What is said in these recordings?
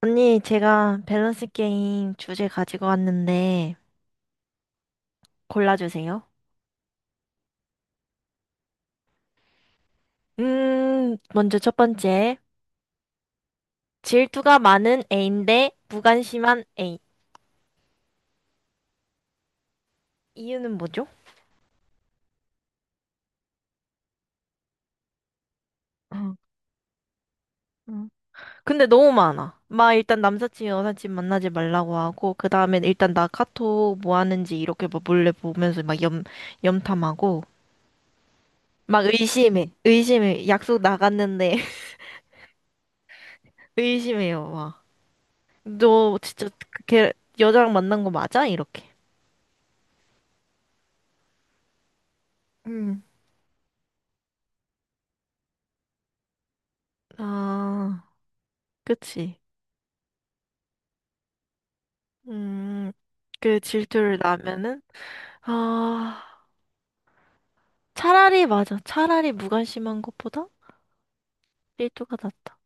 언니, 제가 밸런스 게임 주제 가지고 왔는데 골라주세요. 먼저 첫 번째. 질투가 많은 애인 데 무관심한 애인. 이유는 뭐죠? 어, 어. 근데 너무 많아. 막 일단 남사친, 여사친 만나지 말라고 하고, 그 다음에 일단 나 카톡 뭐 하는지 이렇게 막 몰래 보면서 염탐하고, 막 의심해. 의심해. 약속 나갔는데 의심해요, 막. 너 진짜 걔 여자랑 만난 거 맞아? 이렇게. 음. 아, 그치. 음, 그 질투를 나면은, 아, 차라리 맞아. 차라리 무관심한 것보다 질투가 낫다.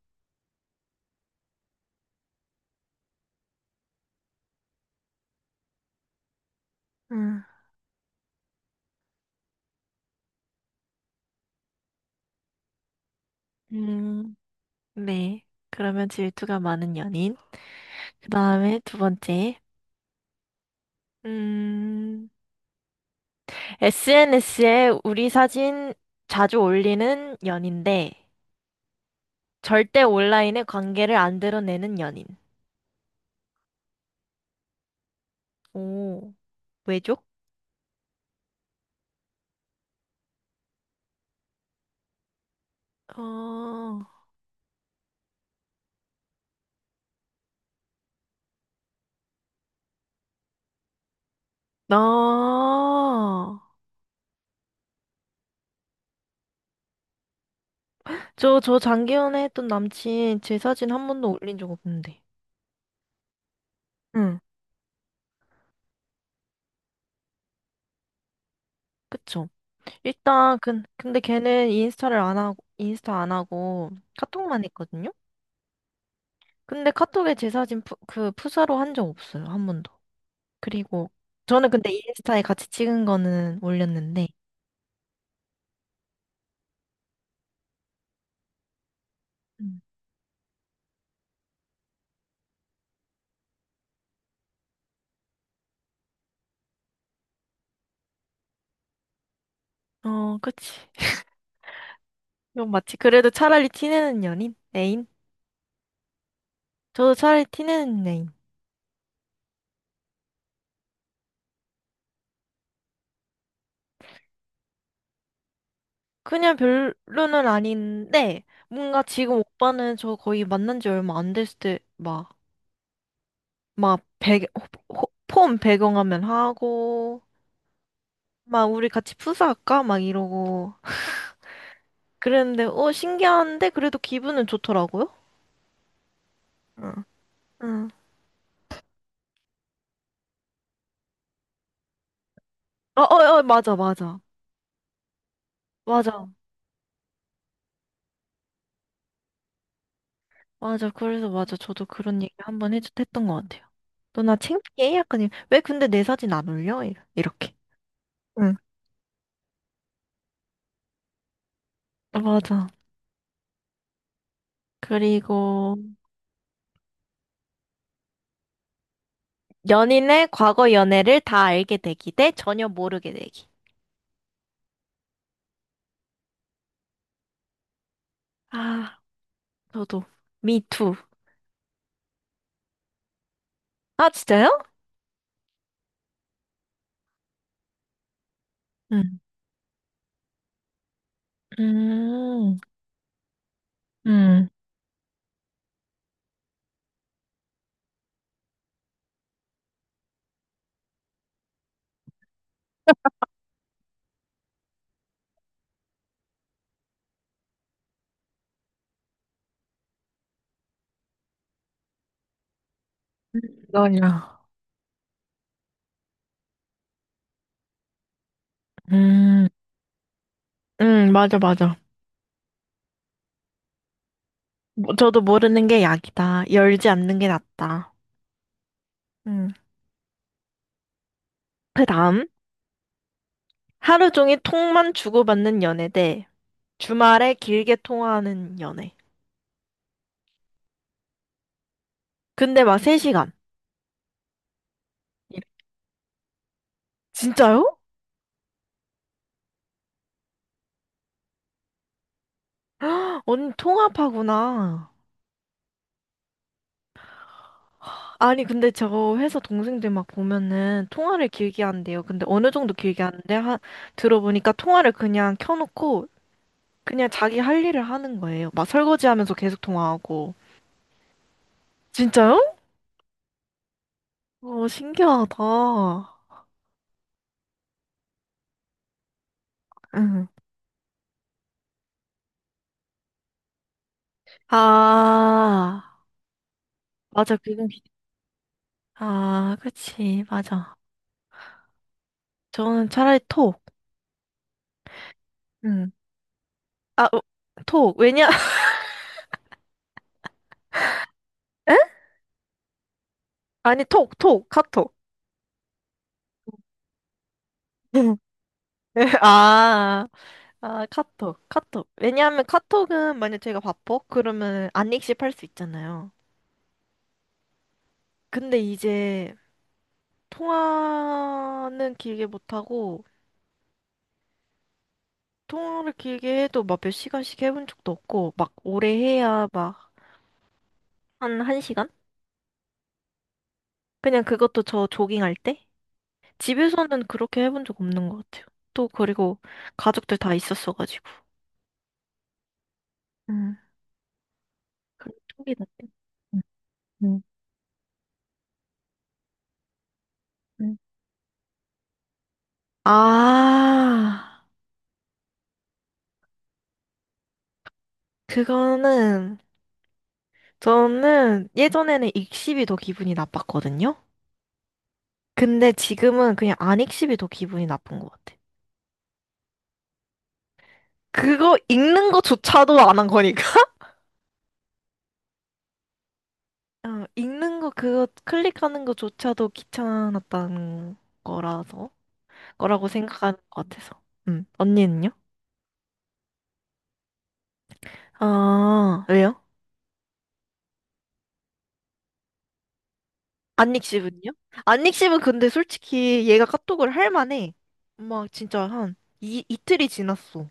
음, 음, 네. 그러면 질투가 많은 연인. 그 다음에 두 번째. 음, SNS에 우리 사진 자주 올리는 연인데, 절대 온라인에 관계를 안 드러내는 연인. 오, 왜죠? 어, 나 저 장기연애 했던 남친 제 사진 한 번도 올린 적 없는데. 응, 그쵸? 근데 걔는 인스타를 안 하고, 인스타 안 하고 카톡만 했거든요? 근데 카톡에 그 프사로 한 적 없어요. 한 번도. 그리고 저는 근데 인스타에 같이 찍은 거는 올렸는데. 음. 어, 그치. 이건 마치 그래도 차라리 티내는 연인? 애인? 저도 차라리 티내는 애인. 그냥 별로는 아닌데, 뭔가 지금 오빠는 저 거의 만난 지 얼마 안 됐을 때, 막, 막, 배경, 폰 배경화면 하고, 막, 우리 같이 푸사할까? 막 이러고. 그랬는데, 어, 신기한데, 그래도 기분은 좋더라고요? 응. 어, 어, 어, 맞아, 맞아. 맞아. 맞아. 그래서 맞아. 저도 그런 얘기 했던 것 같아요. 너 나 창피해? 약간, 이- 왜 근데 내 사진 안 올려? 이- 이렇게. 응. 맞아. 그리고, 연인의 과거 연애를 다 알게 되기 대 전혀 모르게 되기. 아, 저도. 미투. 아, 진짜요? 음, 음, 음, 너냐. 음, 맞아, 맞아. 뭐, 저도 모르는 게 약이다. 열지 않는 게 낫다. 음. 그 다음, 하루 종일 톡만 주고받는 연애 대 주말에 길게 통화하는 연애. 근데 막 3시간. 진짜요? 언니 통화파구나. 아니, 근데 저 회사 동생들 막 보면은 통화를 길게 한대요. 근데 어느 정도 길게 하는데, 하, 들어보니까 통화를 그냥 켜놓고 그냥 자기 할 일을 하는 거예요. 막 설거지 하면서 계속 통화하고. 진짜요? 어, 신기하다. 응. 아, 맞아. 아, 그치. 맞아. 저는 차라리 톡. 응. 아, 어, 톡. 왜냐? 에? 아니, 톡, 카톡. 아. 아, 카톡. 왜냐하면 카톡은 만약 제가 바빠? 그러면 안 읽씹할 수 있잖아요. 근데 이제 통화는 길게 못하고, 통화를 길게 해도 막 몇 시간씩 해본 적도 없고, 막 오래 해야 한 시간? 그냥 그것도 저 조깅할 때? 집에서는 그렇게 해본 적 없는 것 같아요. 또 그리고 가족들 다 있었어가지고. 음, 그럼 통이 났대. 음, 음. 음. 아, 그거는 저는 예전에는 익십이 더 기분이 나빴거든요. 근데 지금은 그냥 안 익십이 더 기분이 나쁜 것 같아. 그거 읽는 거조차도 안 한 거니까. 어, 읽는 거 그거 클릭하는 거조차도 귀찮았다는 거라서 거라고 생각하는 것 같아서. 언니는요? 아, 왜요? 안 익십은요? 안 익십은 근데 솔직히 얘가 카톡을 할 만해. 막 진짜 이틀이 지났어.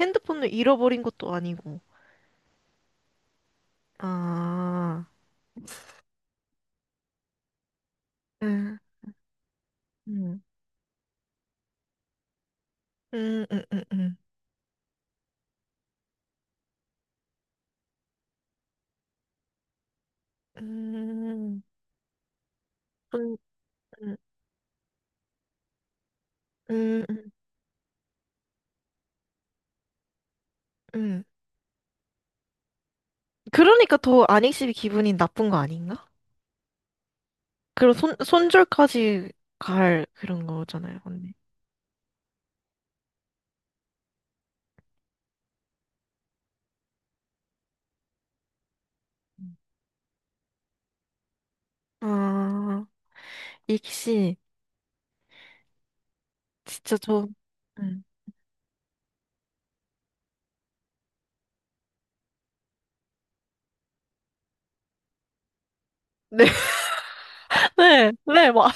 핸드폰을 잃어버린 것도 아니고. 아. 음, 음. 음, 음, 음, 음, 음, 분- 음, 음, 음. 음. 그러니까 더 안익십이 기분이 나쁜 거 아닌가? 그리고 손절까지 갈 그런 거잖아요, 언니. 음. 아, 익시 진짜 저, 음. 네, 네, 네, 마,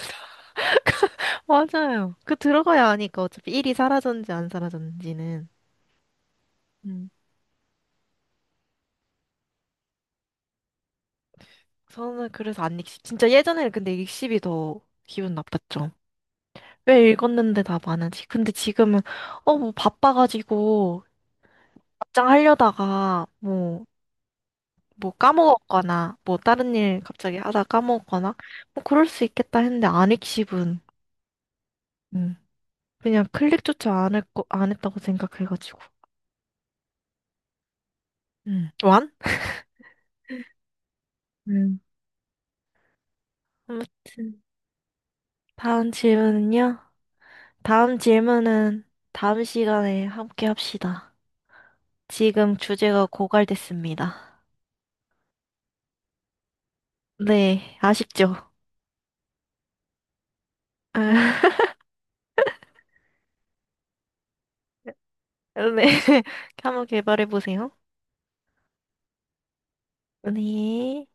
맞아요. 그 들어가야 하니까 어차피 일이 사라졌는지 안 사라졌는지는. 음. 저는 그래서 안 익십, 진짜 예전에는 근데 익십이 더 기분 나빴죠. 왜 읽었는데 다 많은지. 근데 지금은, 어, 뭐, 바빠가지고, 답장하려다가, 뭐, 뭐, 까먹었거나, 뭐, 다른 일 갑자기 하다 까먹었거나, 뭐, 그럴 수 있겠다 했는데, 안 읽씹은, 음, 그냥 클릭조차 안 했고, 안 했다고 생각해가지고, 완? 음, 아무튼, 다음 질문은요? 다음 질문은 다음 시간에 함께 합시다. 지금 주제가 고갈됐습니다. 네, 아쉽죠? 아. 네. 한번 개발해 보세요. 네.